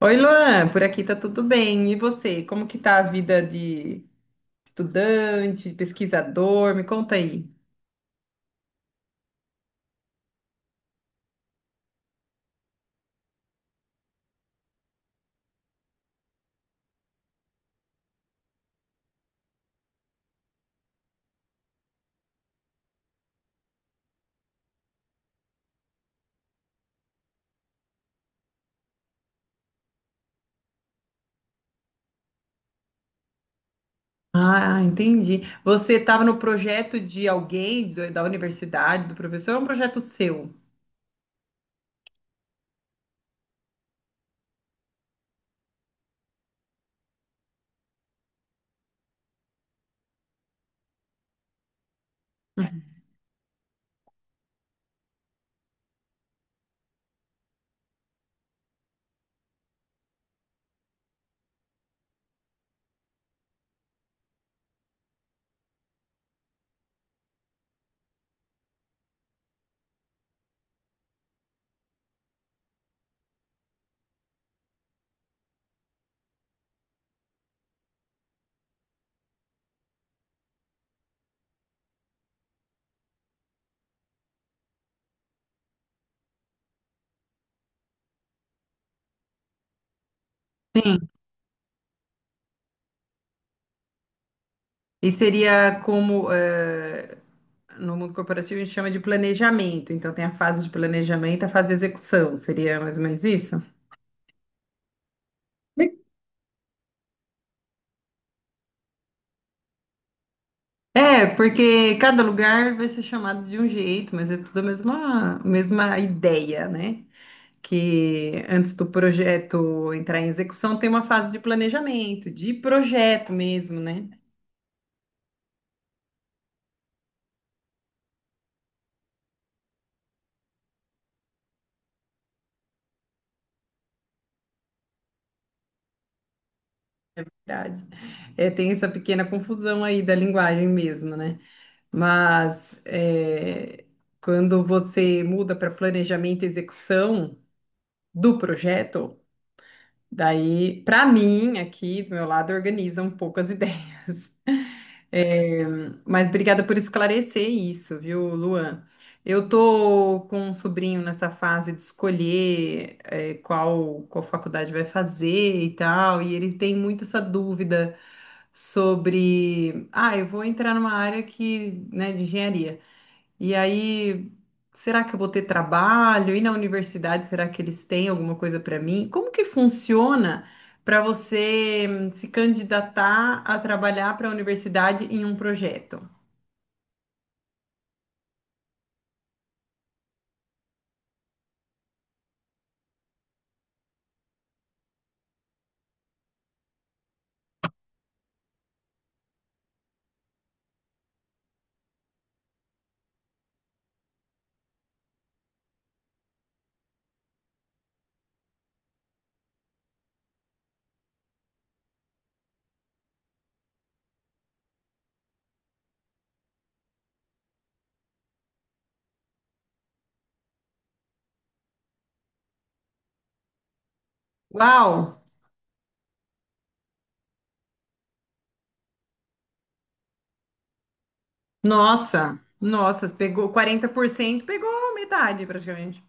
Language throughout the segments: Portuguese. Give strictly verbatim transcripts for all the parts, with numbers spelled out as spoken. Oi, Luan, por aqui tá tudo bem. E você, como que tá a vida de estudante, de pesquisador? Me conta aí. Ah, entendi. Você estava no projeto de alguém do- da universidade, do professor, ou é um projeto seu? Sim. E seria como, eh, no mundo corporativo a gente chama de planejamento. Então tem a fase de planejamento, a fase de execução. Seria mais ou menos isso? É, porque cada lugar vai ser chamado de um jeito, mas é tudo a mesma, mesma ideia, né? Que antes do projeto entrar em execução tem uma fase de planejamento, de projeto mesmo, né? É verdade. É, tem essa pequena confusão aí da linguagem mesmo, né? Mas é, quando você muda para planejamento e execução do projeto, daí, para mim, aqui do meu lado, organiza um pouco as ideias. É, mas obrigada por esclarecer isso, viu, Luan? Eu tô com um sobrinho nessa fase de escolher, é, qual, qual faculdade vai fazer e tal, e ele tem muito essa dúvida sobre, ah, eu vou entrar numa área que, né, de engenharia. E aí, será que eu vou ter trabalho? E na universidade, será que eles têm alguma coisa para mim? Como que funciona para você hum, se candidatar a trabalhar para a universidade em um projeto? Uau! Nossa! Nossa, pegou quarenta por cento, pegou metade praticamente,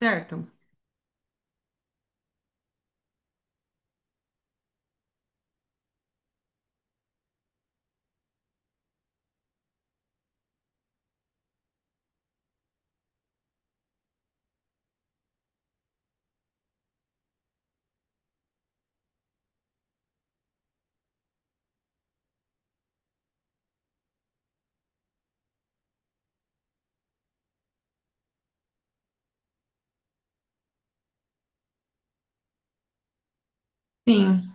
certo? Sim.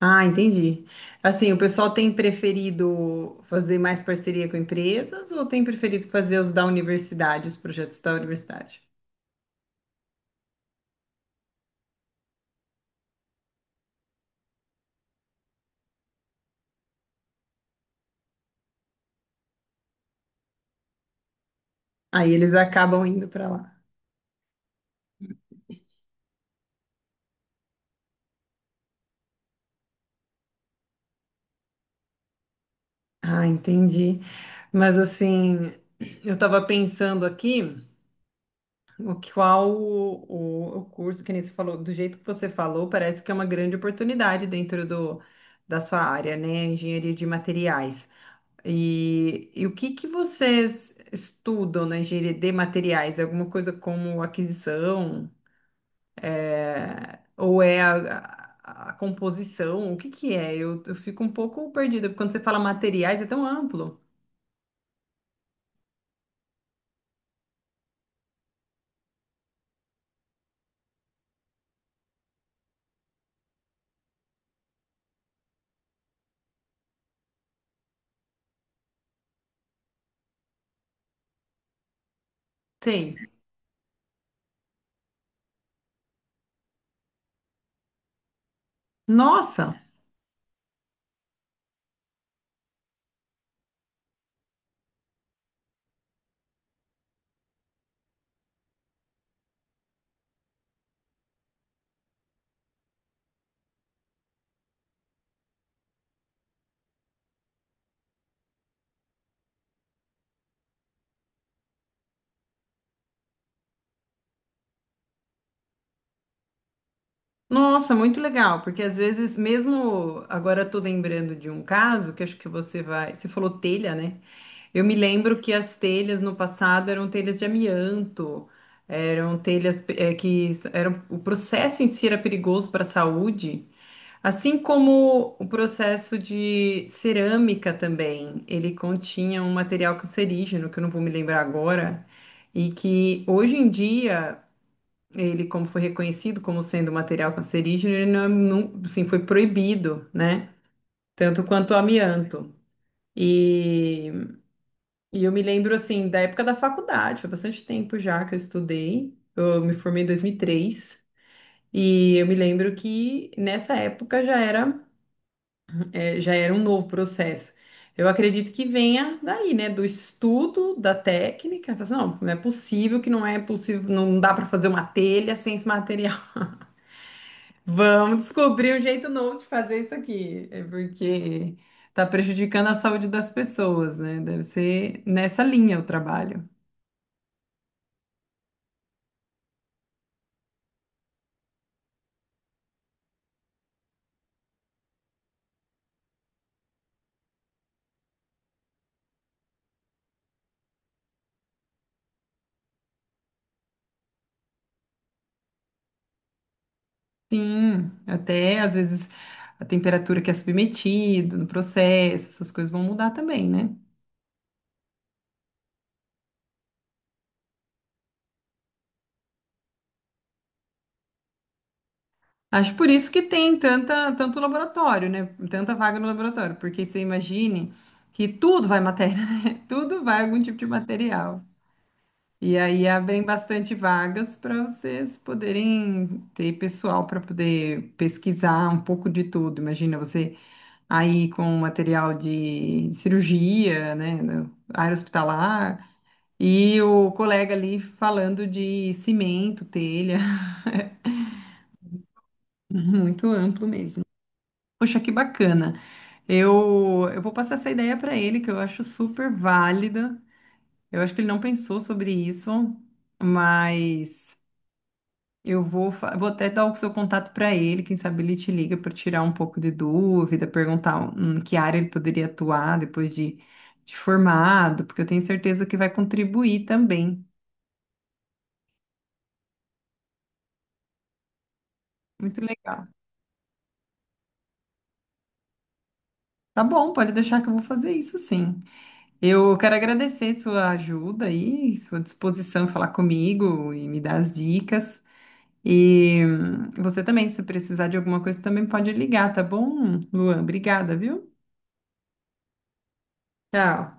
Ah, entendi. Assim, o pessoal tem preferido fazer mais parceria com empresas ou tem preferido fazer os da universidade, os projetos da universidade? Aí eles acabam indo para lá. Ah, entendi. Mas assim, eu estava pensando aqui, o que- qual o, o, o curso que nem você falou, do jeito que você falou, parece que é uma grande oportunidade dentro do, da sua área, né? Engenharia de materiais. E, e o que que vocês estudam na engenharia de materiais? É alguma coisa como aquisição? Ou é a, a- a composição? O que que é? Eu, eu fico um pouco perdida, porque quando você fala materiais é tão amplo. Sim. Nossa, nossa, muito legal, porque às vezes mesmo agora eu tô lembrando de um caso que acho que você vai, você falou telha, né? Eu me lembro que as telhas no passado eram telhas de amianto, eram telhas eh, que s- eram, o processo em si era perigoso para a saúde, assim como o processo de cerâmica também, ele continha um material cancerígeno que eu não vou me lembrar agora. E que hoje em dia ele, como foi reconhecido como sendo material cancerígeno, ele não, não, assim, foi proibido, né? Tanto quanto o amianto. E, e eu me lembro, assim, da época da faculdade, foi bastante tempo já que eu estudei, eu me formei em dois mil e três, e três, e eu me lembro que nessa época já era, eh, já era um novo processo. Eu acredito que venha daí, né, do estudo, da técnica. Fala assim, não, não é possível que não é possível, não dá para fazer uma telha sem esse material. Vamos descobrir um jeito novo de fazer isso aqui. É porque tá prejudicando a saúde das pessoas, né? Deve ser nessa linha o trabalho. Sim, até às vezes a temperatura que é submetido no processo, essas coisas vão mudar também, né? Acho por isso que tem tanta, tanto laboratório, né? Tanta vaga no laboratório, porque você imagine que tudo vai matéria, né? Tudo vai algum tipo de material. E aí abrem bastante vagas para vocês poderem ter pessoal para poder pesquisar um pouco de tudo. Imagina você aí com material de cirurgia, né, no área hospitalar, e o colega ali falando de cimento, telha, muito amplo mesmo. Poxa, que bacana. Eu, eu vou passar essa ideia para ele, que eu acho super válida. Eu acho que ele não pensou sobre isso, mas. Eu vou, fa- vou até dar o seu contato para ele, quem sabe ele te liga para tirar um pouco de dúvida, perguntar hum, em que área ele poderia atuar depois de, de formado, porque eu tenho certeza que vai contribuir também. Muito legal. Tá bom, pode deixar que eu vou fazer isso sim. Eu quero agradecer sua ajuda aí, sua disposição em falar comigo e me dar as dicas. E hum, você também, se precisar de alguma coisa, também pode ligar, tá bom, Luan? Obrigada, viu? Tchau.